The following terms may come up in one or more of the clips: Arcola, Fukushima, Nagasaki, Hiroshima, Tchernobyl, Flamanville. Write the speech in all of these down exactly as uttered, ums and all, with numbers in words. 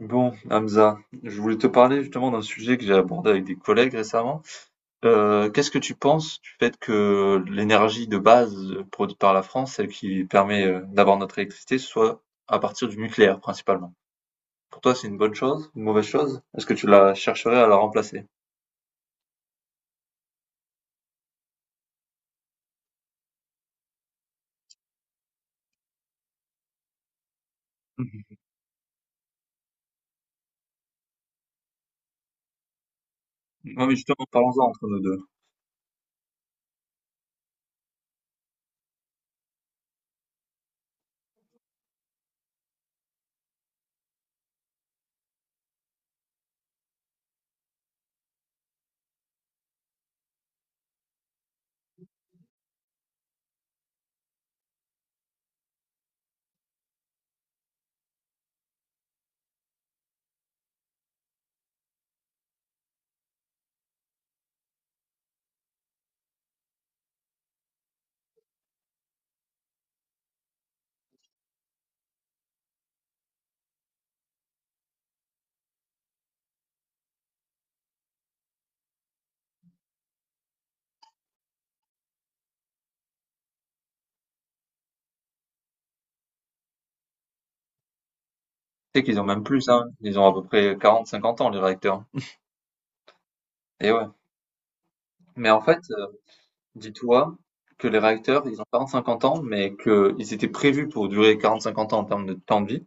Bon, Hamza, je voulais te parler justement d'un sujet que j'ai abordé avec des collègues récemment. Euh, qu'est-ce que tu penses du fait que l'énergie de base produite par la France, celle qui permet euh, d'avoir notre électricité, soit à partir du nucléaire principalement? Pour toi, c'est une bonne chose, une mauvaise chose? Est-ce que tu la chercherais à la remplacer? Mhm. Non, mais justement, parlons-en entre nous deux. Tu sais qu'ils ont même plus, hein. Ils ont à peu près quarante cinquante ans, les réacteurs. Et ouais. Mais en fait, dis-toi que les réacteurs, ils ont quarante à cinquante ans, mais qu'ils étaient prévus pour durer quarante cinquante ans en termes de temps de vie,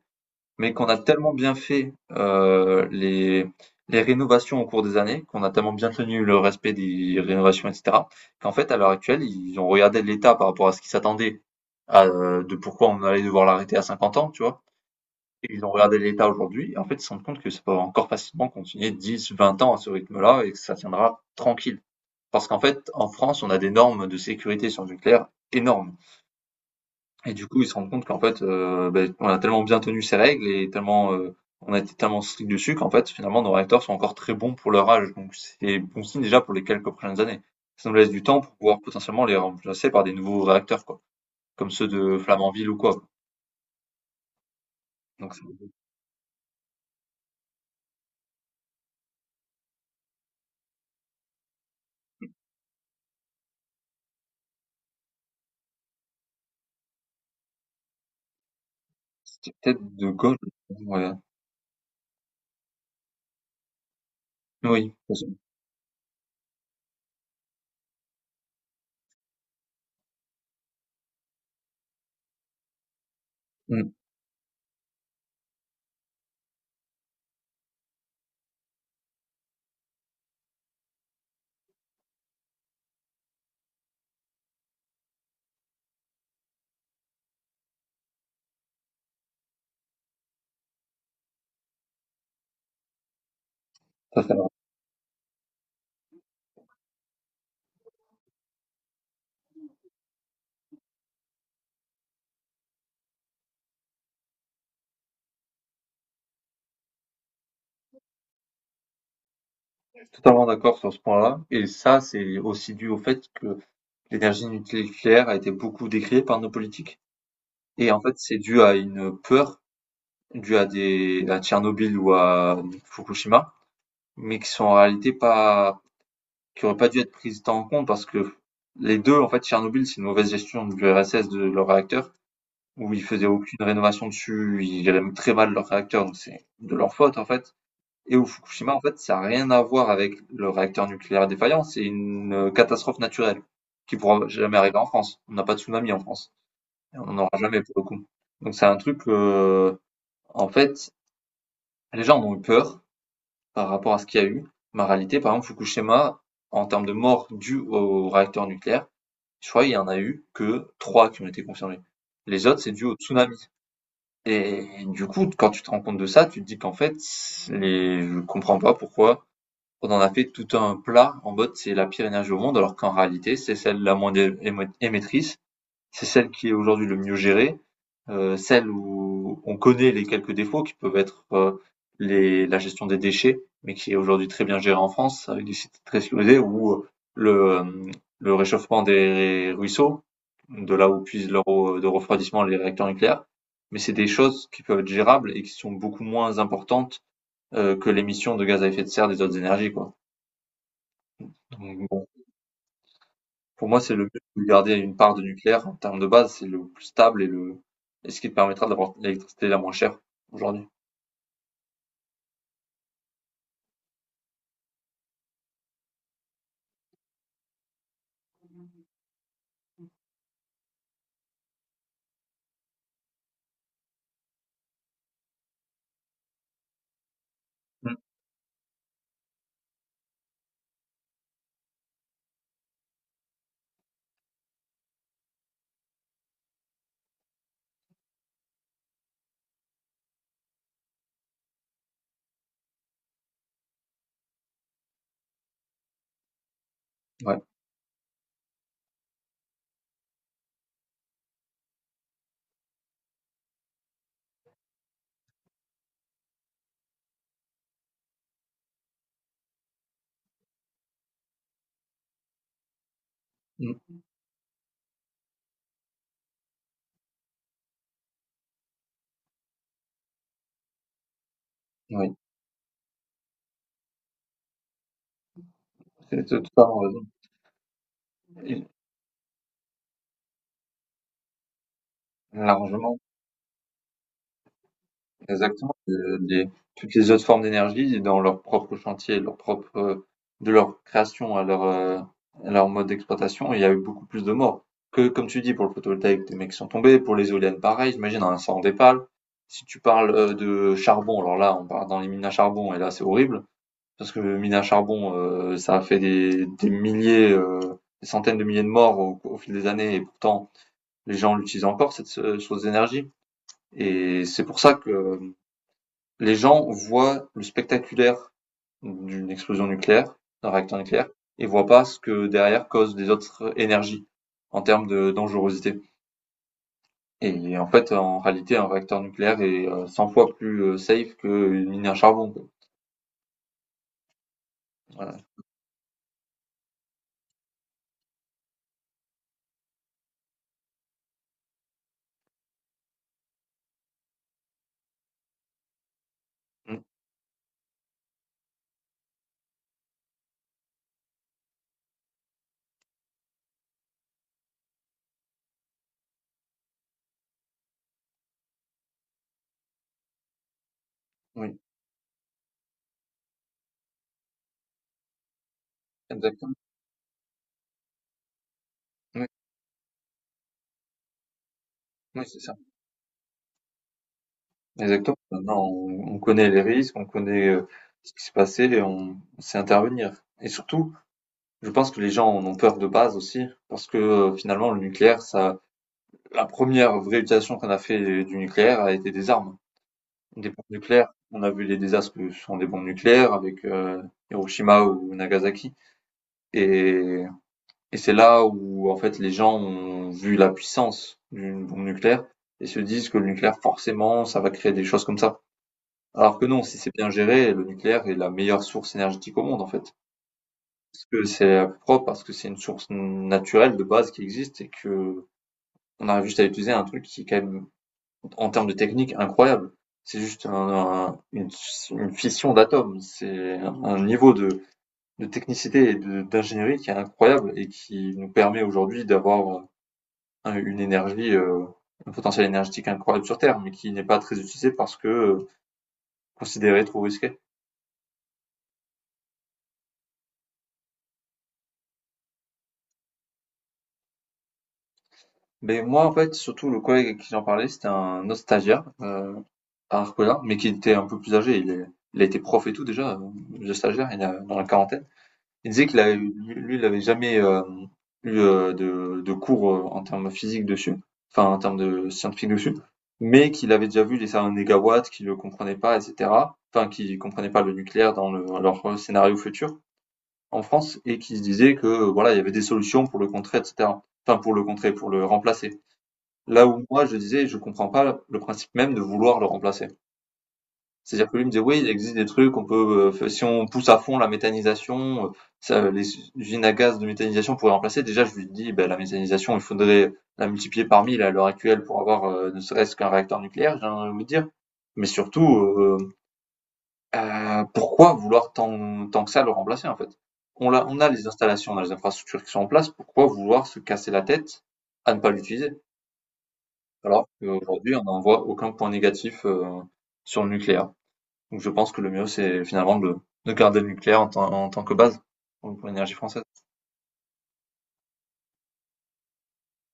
mais qu'on a tellement bien fait euh, les, les rénovations au cours des années, qu'on a tellement bien tenu le respect des rénovations, et cetera, qu'en fait, à l'heure actuelle, ils ont regardé l'état par rapport à ce qu'ils s'attendaient à, euh, de pourquoi on allait devoir l'arrêter à cinquante ans, tu vois. Et ils ont regardé l'état aujourd'hui, et en fait, ils se rendent compte que ça peut encore facilement continuer dix, vingt ans à ce rythme-là, et que ça tiendra tranquille. Parce qu'en fait, en France, on a des normes de sécurité sur le nucléaire énormes. Et du coup, ils se rendent compte qu'en fait, euh, ben, on a tellement bien tenu ces règles et tellement, euh, on a été tellement strict dessus qu'en fait, finalement, nos réacteurs sont encore très bons pour leur âge. Donc, c'est bon signe déjà pour les quelques prochaines années. Ça nous laisse du temps pour pouvoir potentiellement les remplacer par des nouveaux réacteurs, quoi, comme ceux de Flamanville ou quoi. Donc, c'est c'est peut-être de gauche. Ouais. Oui, ça, Mm. ça, totalement d'accord sur ce point-là. Et ça, c'est aussi dû au fait que l'énergie nucléaire a été beaucoup décriée par nos politiques et en fait, c'est dû à une peur due à des à Tchernobyl ou à Fukushima, mais qui sont en réalité pas qui auraient pas dû être prises tant en compte parce que les deux, en fait, Tchernobyl, c'est une mauvaise gestion de l'U R S S de leur réacteur où ils faisaient aucune rénovation dessus, ils géraient même très mal leur réacteur, donc c'est de leur faute en fait. Et au Fukushima, en fait, ça a rien à voir avec le réacteur nucléaire défaillant, c'est une euh, catastrophe naturelle qui pourra jamais arriver en France. On n'a pas de tsunami en France. On n'aura jamais pour le coup. Donc c'est un truc, euh, en fait, les gens en ont eu peur par rapport à ce qu'il y a eu. Mais en réalité, par exemple, Fukushima, en termes de morts dues au réacteur nucléaire, je crois qu'il y en a eu que trois qui ont été confirmés. Les autres, c'est dû au tsunami. Et du coup, quand tu te rends compte de ça, tu te dis qu'en fait, les... je comprends pas pourquoi on en a fait tout un plat en mode c'est la pire énergie au monde, alors qu'en réalité, c'est celle la moins émettrice, c'est celle qui est aujourd'hui le mieux gérée, euh, celle où on connaît les quelques défauts qui peuvent être euh, les, la gestion des déchets, mais qui est aujourd'hui très bien gérée en France avec des sites très soudés où euh, le, euh, le réchauffement des ruisseaux, de là où puisent leur eau de refroidissement les réacteurs nucléaires, mais c'est des choses qui peuvent être gérables et qui sont beaucoup moins importantes euh, que l'émission de gaz à effet de serre des autres énergies, quoi. Donc, bon, pour moi, c'est le but de garder une part de nucléaire en termes de base, c'est le plus stable et le et ce qui te permettra d'avoir l'électricité la moins chère aujourd'hui. Ouais, mmh, oui, c'est c'est totalement raison. Et largement, exactement, de des toutes les autres formes d'énergie dans leur propre chantier, leur propre, heu, de leur création à leur, heu, à leur mode d'exploitation, il y a eu beaucoup plus de morts que, comme tu dis, pour le photovoltaïque, des mecs qui sont tombés, pour les éoliennes, pareil, j'imagine un incendie d'épale. Si tu parles, heu, de charbon, alors là, on part dans les mines à charbon et là, c'est horrible parce que mines à charbon, heu, ça a fait des des milliers, heu, des centaines de milliers de morts au au fil des années et pourtant les gens l'utilisent encore, cette euh, source d'énergie. Et c'est pour ça que les gens voient le spectaculaire d'une explosion nucléaire, d'un réacteur nucléaire, et voient pas ce que derrière cause des autres énergies en termes de dangerosité. Et en fait, en réalité, un réacteur nucléaire est euh, cent fois plus euh, safe qu'une mine à charbon. Voilà. Oui, exactement. Oui, oui c'est ça. Exactement. Maintenant, on, on connaît les risques, on connaît euh, ce qui s'est passé et on sait intervenir. Et surtout, je pense que les gens en ont peur de base aussi, parce que euh, finalement le nucléaire, ça, la première vraie utilisation qu'on a fait du nucléaire a été des armes, des bombes nucléaires. On a vu les désastres que sont des bombes nucléaires avec euh, Hiroshima ou Nagasaki, et, et c'est là où en fait les gens ont vu la puissance d'une bombe nucléaire et se disent que le nucléaire forcément ça va créer des choses comme ça. Alors que non, si c'est bien géré, le nucléaire est la meilleure source énergétique au monde en fait. Parce que c'est propre, parce que c'est une source naturelle de base qui existe et que on arrive juste à utiliser un truc qui est quand même, en termes de technique, incroyable. C'est juste un- un- une, une fission d'atomes. C'est un, un niveau de, de technicité et de- d'ingénierie qui est incroyable et qui nous permet aujourd'hui d'avoir un- une énergie, euh, un potentiel énergétique incroyable sur Terre, mais qui n'est pas très utilisé parce que euh, considéré trop risqué. Mais moi, en fait, surtout le collègue avec qui j'en parlais, c'était un autre stagiaire, euh, à Arcola, mais qui était un peu plus âgé. Il, est- il a été prof et tout déjà, euh, de stagiaire, il a, dans la quarantaine. Il disait qu'il avait, lui, il n'avait jamais euh, eu euh, de, de cours euh, en termes physiques dessus, enfin en termes de scientifiques dessus, mais qu'il avait déjà vu les salles en négawatts, qu'il ne comprenait pas, et cetera. Enfin, qu'il comprenait pas le nucléaire dans le- leur scénario futur en France et qu'il se disait que euh, voilà, il y avait des solutions pour le contrer, et cetera. Enfin, pour le contrer, pour le remplacer. Là où moi, je disais, je comprends pas le principe même de vouloir le remplacer. C'est-à-dire que lui me disait: «Oui, il existe des trucs, on peut, heu, si on pousse à fond la méthanisation, heu, ça les usines à gaz de méthanisation pourraient remplacer». Déjà, je lui dis: ben la méthanisation, il faudrait la multiplier par mille à l'heure actuelle pour avoir, heu, ne serait-ce qu'un réacteur nucléaire», j'ai envie de vous dire. Mais surtout, heu heu, pourquoi vouloir tant tant que ça le remplacer, en fait? On l'a on a les installations, on a les infrastructures qui sont en place, pourquoi vouloir se casser la tête à ne pas l'utiliser? Alors qu'aujourd'hui, on n'en voit aucun point négatif, heu, sur le nucléaire. Donc je pense que le mieux, c'est finalement de, de garder le nucléaire en, tant- en tant que base pour l'énergie française.